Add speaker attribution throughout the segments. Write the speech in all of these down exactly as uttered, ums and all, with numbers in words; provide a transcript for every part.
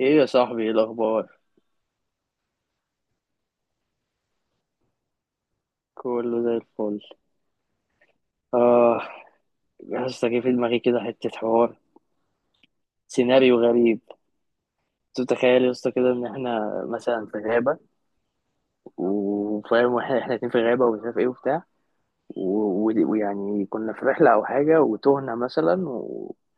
Speaker 1: ايه يا صاحبي، ايه الاخبار؟ كله زي الفل. اه. يا اسطى، جه في دماغي كده حته حوار، سيناريو غريب. تتخيل يا اسطى كده ان احنا مثلا في غابه، وفاهم، واحنا احنا اتنين في غابه، ومش عارف ايه وبتاع، و- و- ويعني كنا في رحله او حاجه وتوهنا مثلا،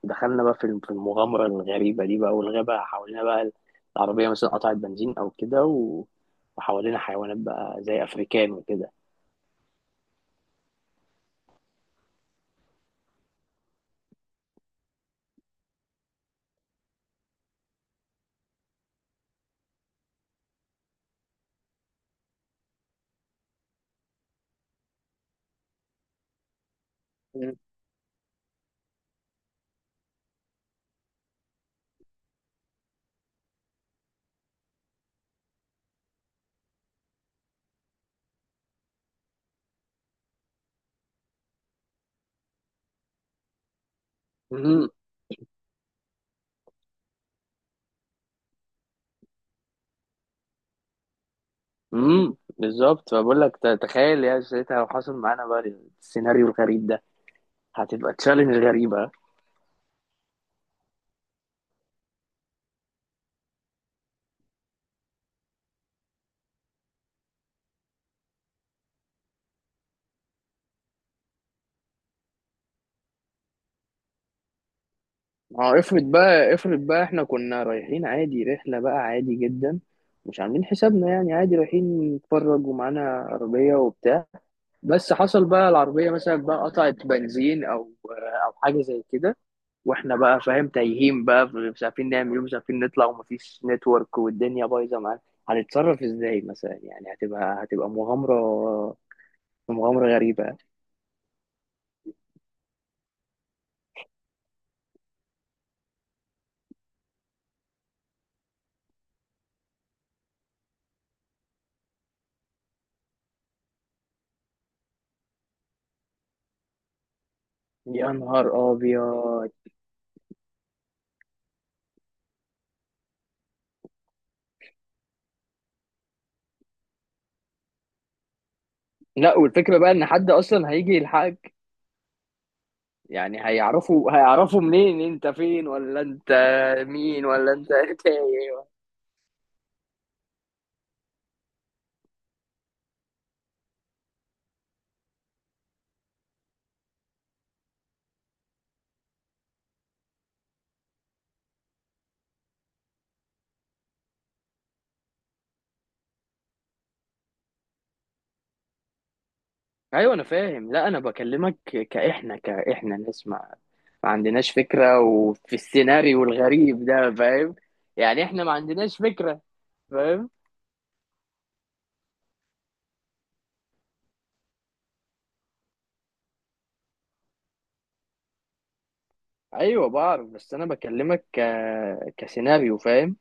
Speaker 1: ودخلنا بقى في الم- في المغامره الغريبه دي بقى، والغابه حوالينا بقى. العربيه مثلا قطعت بنزين او كده، و- وحوالينا حيوانات بقى زي افريكان وكده. مم. امم بالظبط، فبقول لك، ت- تخيل يا ساعتها لو حصل معانا بقى السيناريو الغريب ده، هتبقى تشالنج غريبة. ما هو افرض بقى، افرض بقى احنا كنا رايحين عادي، رحلة بقى عادي جدا، مش عاملين حسابنا يعني، عادي رايحين نتفرج، ومعانا عربية وبتاع، بس حصل بقى العربية مثلا بقى قطعت بنزين او او حاجة زي كده. واحنا بقى فاهم تايهين بقى، مش عارفين نعمل ايه، مش عارفين نطلع، ومفيش نتورك، والدنيا بايظة معانا. هنتصرف ازاي مثلا؟ يعني هتبقى هتبقى مغامرة، مغامرة غريبة. يا نهار أبيض. لا، والفكرة بقى إن حد أصلا هيجي يلحقك؟ يعني هيعرفوا هيعرفوا منين أنت فين؟ ولا أنت مين؟ ولا أنت تايه؟ أيوة أنا فاهم، لا أنا بكلمك كإحنا كإحنا ناس ما ما عندناش فكرة، وفي السيناريو الغريب ده فاهم، يعني إحنا ما عندناش فكرة، فاهم؟ أيوة بعرف، بس أنا بكلمك ك... كسيناريو، فاهم؟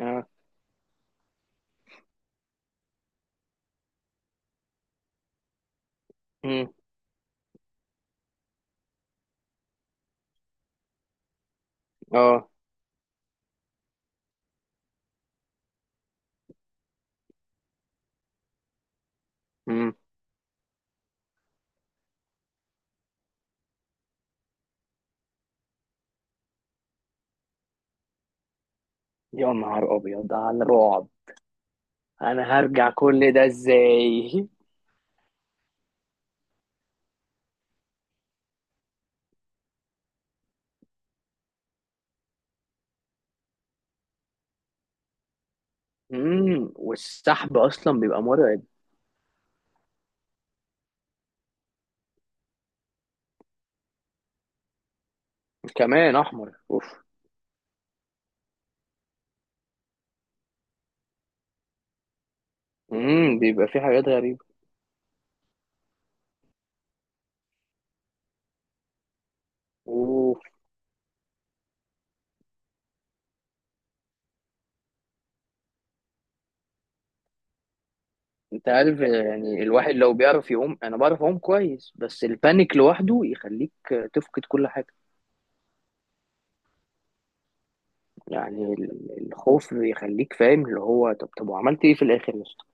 Speaker 1: آه. أمم. آه. أمم. يا نهار أبيض على الرعب! انا هرجع كل ده ازاي؟ امم والسحب اصلا بيبقى مرعب. كمان احمر، اوف. امم بيبقى فيه حاجات غريبة. اوف. انت عارف يعني الواحد لو بيعرف يقوم، انا بعرف اقوم كويس، بس البانيك لوحده يخليك تفقد كل حاجة. يعني ال- الخوف يخليك فاهم اللي هو، طب طب، وعملت ايه في الاخر يا اسطى؟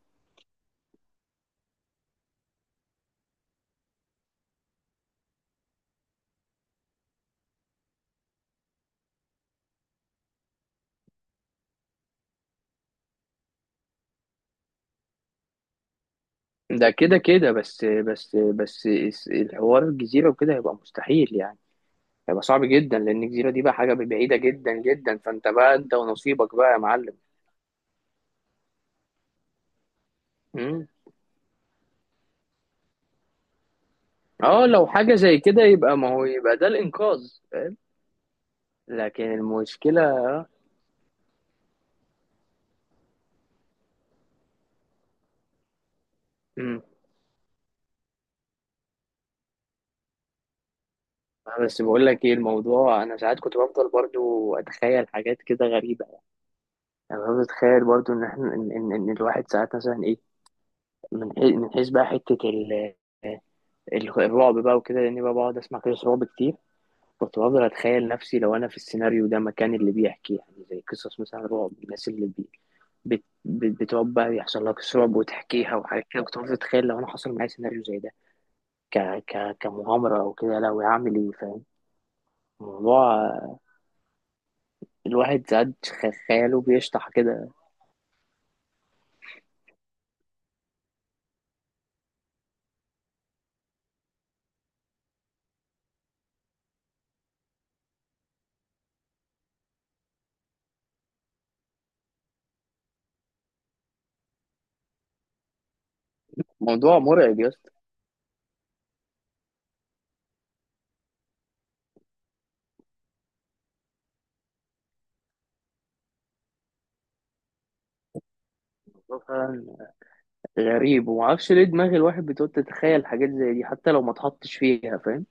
Speaker 1: ده كده كده، بس بس بس الس- الحوار الجزيرة وكده هيبقى مستحيل يعني. هيبقى صعب جدا لان الجزيره دي بقى حاجه بعيده جدا جدا، فانت بقى انت ونصيبك بقى يا معلم. مم. اه، لو حاجه زي كده، يبقى ما هو يبقى ده الانقاذ. لكن المشكله. مم. آه، بس بقول لك ايه الموضوع، انا ساعات كنت بفضل برضو اتخيل حاجات كده غريبه. يعني انا بتخيل برضو ان احنا، ان, إن, إن الواحد ساعات مثلا ايه، من حيث، من حيث بقى حته ال- ال- الرعب بقى وكده، لاني بقى بقعد اسمع قصص رعب كتير. كنت بفضل اتخيل نفسي لو انا في السيناريو ده مكان اللي بيحكي، يعني زي قصص مثلا رعب، الناس اللي بي بت بت- بتقعد بقى يحصل لها قصص رعب وتحكيها وحاجات كده، كنت بفضل اتخيل لو انا حصل معايا سيناريو زي ده، ك ك كمغامره او كده، لو هعمل ايه فاهم الموضوع. الواحد ساعات خ- خياله بيشطح كده. موضوع مرعب يا اسطى، موضوع فعلا غريب، ومعرفش ليه دماغ الواحد بتقعد تتخيل حاجات زي دي حتى لو ما اتحطش فيها، فاهم؟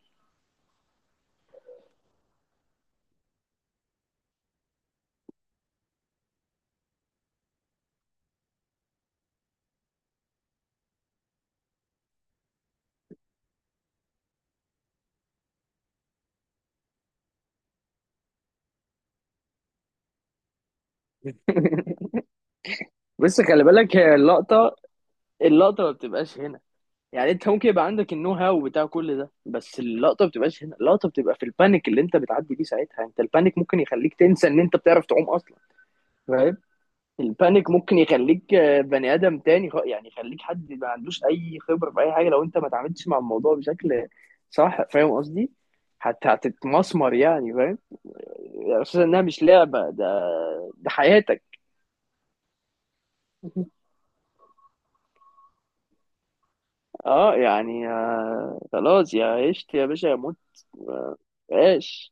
Speaker 1: بس خلي بالك، هي اللقطه، اللقطه ما بتبقاش هنا. يعني انت ممكن يبقى عندك النو هاو بتاع كل ده، بس اللقطه ما بتبقاش هنا، اللقطه بتبقى في البانيك اللي انت بتعدي بيه ساعتها، انت البانيك ممكن يخليك تنسى ان انت بتعرف تعوم اصلا، فاهم؟ البانيك ممكن يخليك، آه، بني ادم تاني، خ- يعني يخليك حد ما عندوش اي خبره في اي حاجه، لو انت ما اتعاملتش مع الموضوع بشكل صح، فاهم قصدي؟ حتى هتتمسمر يعني، فاهم؟ يعني اساسا انها مش لعبه ده، ده حياتك. اه، يعني آه، خلاص، يا عشت يا باشا يا موت، عيش.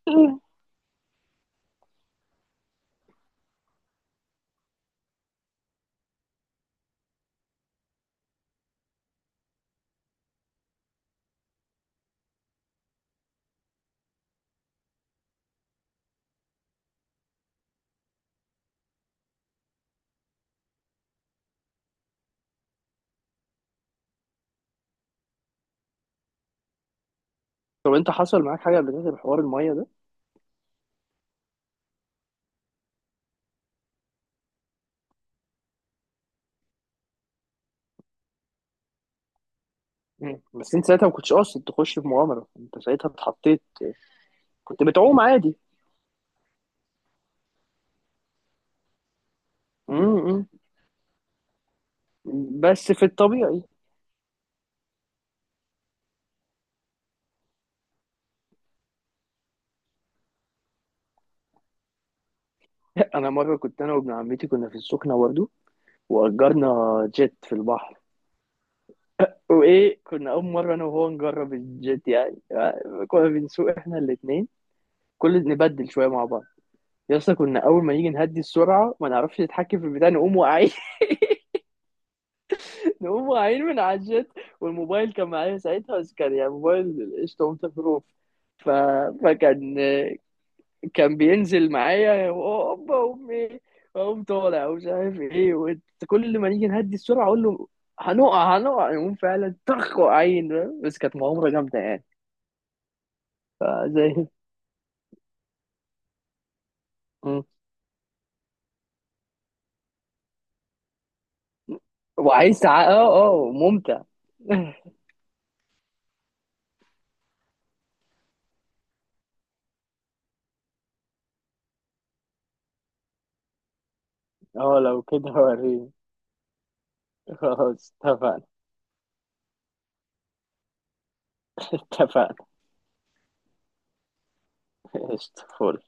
Speaker 1: طب انت حصل معاك حاجه قبل كده بحوار الميه ده؟ مم. بس انت ساعتها ما كنتش قاصد تخش في مغامره، انت ساعتها اتحطيت، كنت بتعوم عادي. امم، بس في الطبيعي. انا مره كنت انا وابن عمتي كنا في السخنه برضه، واجرنا جيت في البحر، وايه كنا اول مره انا وهو نجرب الجيت يعني، كنا بنسوق احنا الاثنين، كل نبدل شويه مع بعض. يا اسطى، كنا اول ما نيجي نهدي السرعه ما نعرفش نتحكم في البتاع، نقوم واقعين، هم عين من على الجت. والموبايل كان معايا ساعتها، بس كان يعني موبايل قشطة وانت، ف... فكان كان بينزل معايا هوبا امي، اقوم طالع ومش عارف ايه وت- كل ما نيجي نهدي السرعه اقول له هنقع هنقع، يقوم فعلا طخ، وقعين، فاهم؟ بس كانت مغامره جامده يعني. فزي. مم. وعايز ساعة، اه اه، ممتع. اه، لو كده وريني. خلاص اتفقنا. اتفقنا. قشطة فل.